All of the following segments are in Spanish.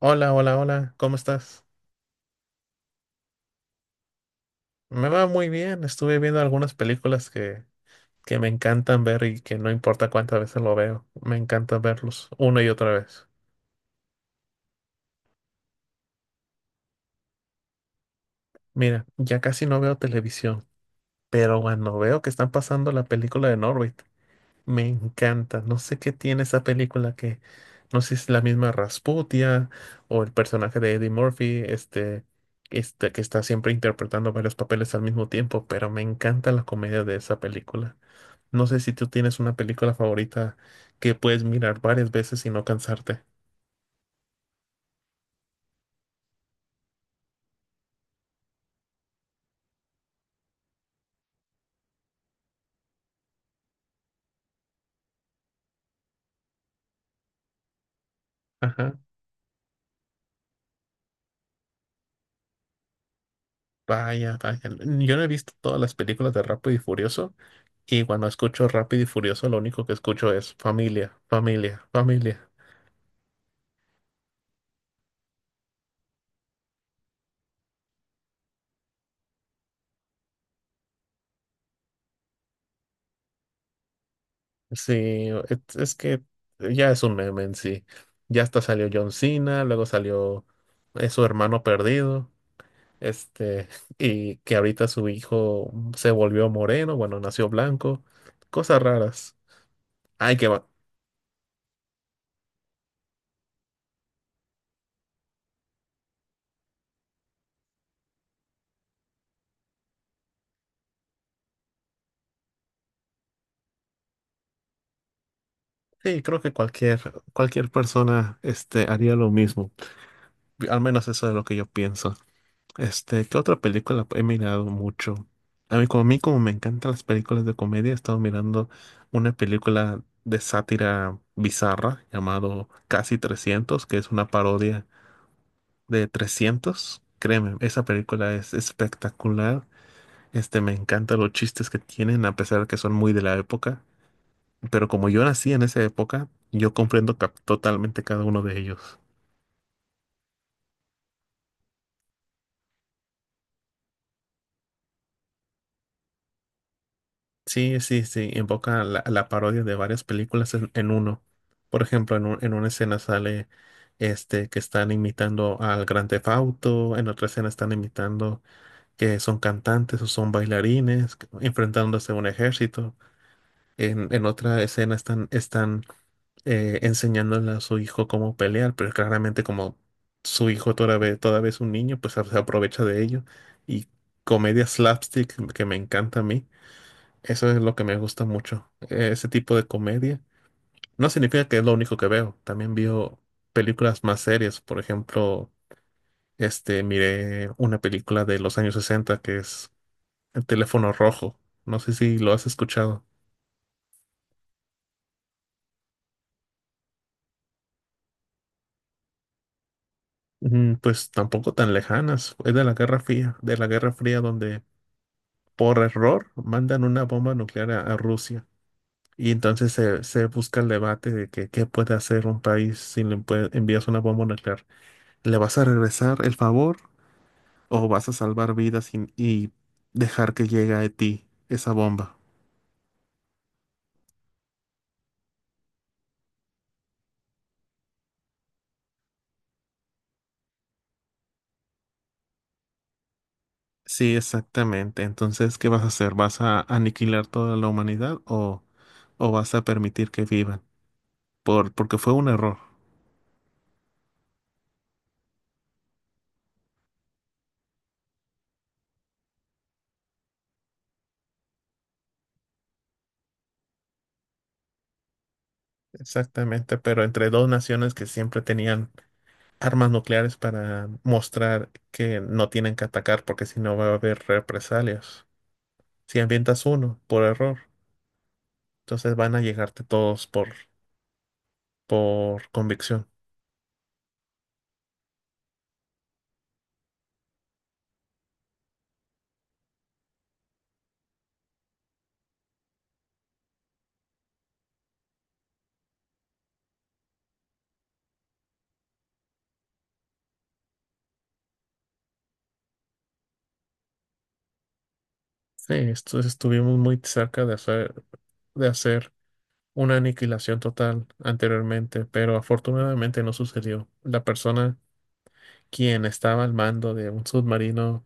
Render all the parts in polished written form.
Hola, hola, hola, ¿cómo estás? Me va muy bien, estuve viendo algunas películas que me encantan ver y que no importa cuántas veces lo veo, me encanta verlos una y otra vez. Mira, ya casi no veo televisión, pero cuando veo que están pasando la película de Norbit, me encanta. No sé qué tiene esa película. No sé si es la misma Rasputia o el personaje de Eddie Murphy, este que está siempre interpretando varios papeles al mismo tiempo, pero me encanta la comedia de esa película. No sé si tú tienes una película favorita que puedes mirar varias veces y no cansarte. Ajá. Vaya, vaya. Yo no he visto todas las películas de Rápido y Furioso y cuando escucho Rápido y Furioso lo único que escucho es familia, familia, familia. Sí, es que ya es un meme en sí. Ya hasta salió John Cena, luego salió su hermano perdido, este, y que ahorita su hijo se volvió moreno, bueno, nació blanco, cosas raras. Ay, que va. Sí, creo que cualquier persona este, haría lo mismo. Al menos eso es lo que yo pienso. Este, ¿qué otra película he mirado mucho? A mí como me encantan las películas de comedia, he estado mirando una película de sátira bizarra llamado Casi Trescientos, que es una parodia de 300. Créeme, esa película es espectacular. Este, me encantan los chistes que tienen, a pesar de que son muy de la época. Pero como yo nací en esa época, yo comprendo totalmente cada uno de ellos. Sí, sí, sí, invoca la parodia de varias películas en uno. Por ejemplo, en una escena sale este que están imitando al Gran Theft Auto, en otra escena están imitando que son cantantes o son bailarines, enfrentándose a un ejército. En otra escena están enseñándole a su hijo cómo pelear, pero claramente como su hijo todavía es un niño, pues se aprovecha de ello. Y comedia slapstick que me encanta a mí, eso es lo que me gusta mucho, ese tipo de comedia. No significa que es lo único que veo, también veo películas más serias, por ejemplo, este, miré una película de los años 60 que es El teléfono rojo, no sé si lo has escuchado. Mm, pues tampoco tan lejanas, es de la Guerra Fría, de la Guerra Fría donde por error mandan una bomba nuclear a Rusia. Y entonces se busca el debate de que qué puede hacer un país si envías una bomba nuclear. ¿Le vas a regresar el favor o vas a salvar vidas y dejar que llegue a ti esa bomba? Sí, exactamente. Entonces, ¿qué vas a hacer? ¿Vas a aniquilar toda la humanidad o vas a permitir que vivan? Porque fue un error. Exactamente, pero entre dos naciones que siempre tenían armas nucleares para mostrar que no tienen que atacar porque si no va a haber represalias. Si ambientas uno por error, entonces van a llegarte todos por convicción. Sí, estuvimos muy cerca de hacer una aniquilación total anteriormente, pero afortunadamente no sucedió. La persona quien estaba al mando de un submarino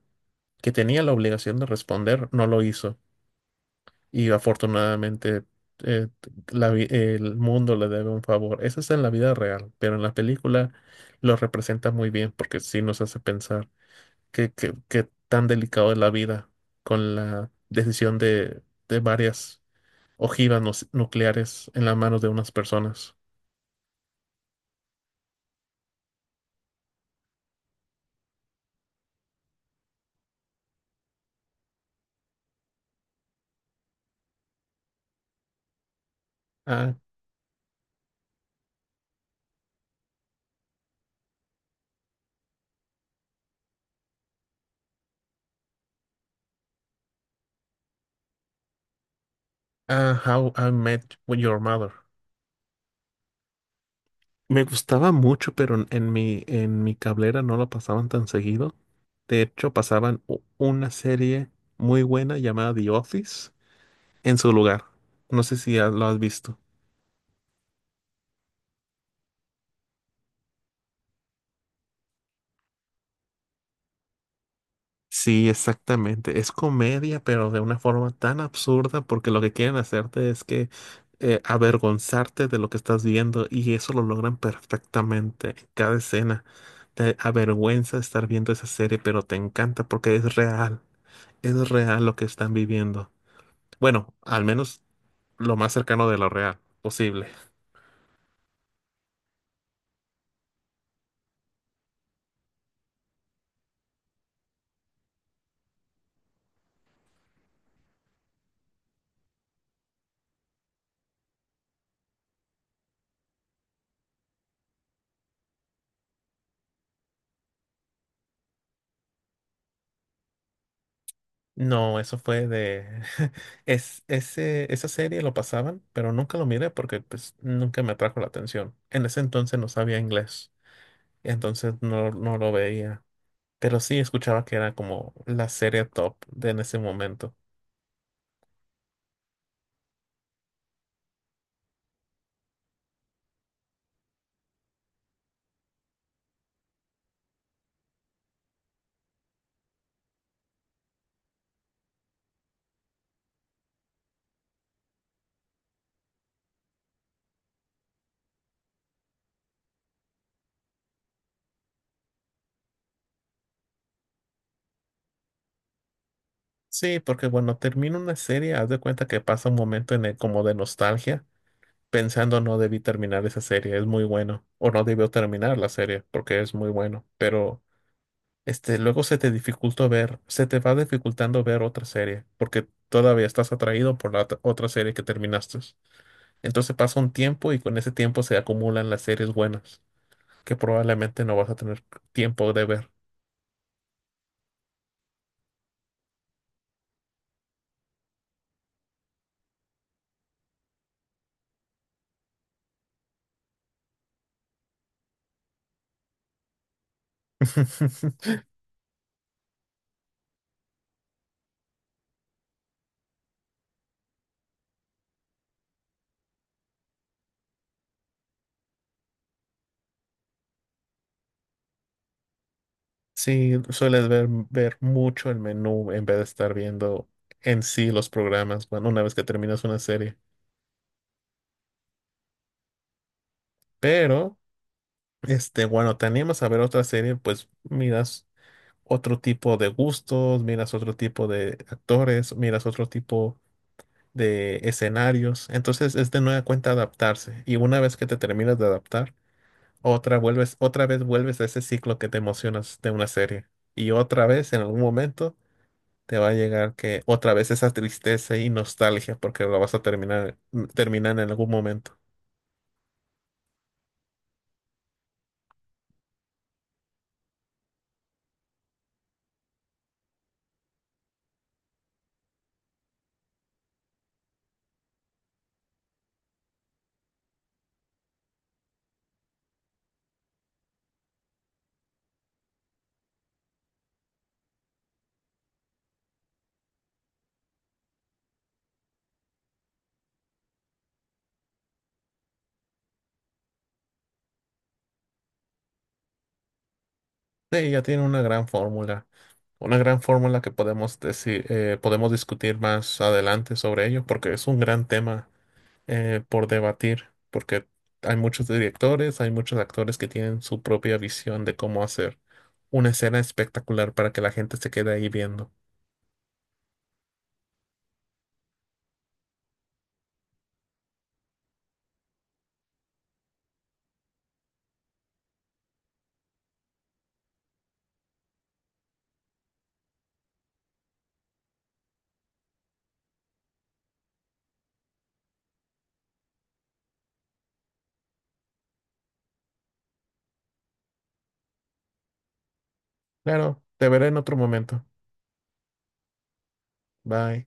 que tenía la obligación de responder no lo hizo. Y afortunadamente eh, el mundo le debe un favor. Eso es en la vida real, pero en la película lo representa muy bien porque sí nos hace pensar qué tan delicado es la vida con la decisión de varias ojivas nu- nucleares en las manos de unas personas. Ah, ah, How I Met Your Mother. Me gustaba mucho, pero en mi cablera no lo pasaban tan seguido. De hecho, pasaban una serie muy buena llamada The Office en su lugar. No sé si ya lo has visto. Sí, exactamente. Es comedia, pero de una forma tan absurda porque lo que quieren hacerte es que avergonzarte de lo que estás viendo y eso lo logran perfectamente. Cada escena te avergüenza estar viendo esa serie, pero te encanta porque es real. Es real lo que están viviendo. Bueno, al menos lo más cercano de lo real posible. No, eso fue de... esa serie lo pasaban, pero nunca lo miré porque pues, nunca me atrajo la atención. En ese entonces no sabía inglés, entonces no lo veía. Pero sí escuchaba que era como la serie top de en ese momento. Sí, porque cuando termina una serie, haz de cuenta que pasa un momento en el como de nostalgia, pensando no debí terminar esa serie, es muy bueno, o no debió terminar la serie porque es muy bueno, pero este, luego se te dificultó ver, se te va dificultando ver otra serie, porque todavía estás atraído por la otra serie que terminaste. Entonces pasa un tiempo y con ese tiempo se acumulan las series buenas, que probablemente no vas a tener tiempo de ver. Sí, sueles ver mucho el menú en vez de estar viendo en sí los programas, bueno, una vez que terminas una serie. Pero, este, bueno, te animas a ver otra serie, pues miras otro tipo de gustos, miras otro tipo de actores, miras otro tipo de escenarios. Entonces es de nueva cuenta adaptarse. Y una vez que te terminas de adaptar, otra vez vuelves a ese ciclo que te emocionas de una serie. Y otra vez, en algún momento, te va a llegar que otra vez esa tristeza y nostalgia, porque lo vas a terminar, terminar en algún momento. Sí, ya tiene una gran fórmula. Una gran fórmula que podemos decir, podemos discutir más adelante sobre ello, porque es un gran tema por debatir, porque hay muchos directores, hay muchos actores que tienen su propia visión de cómo hacer una escena espectacular para que la gente se quede ahí viendo. Claro, te veré en otro momento. Bye.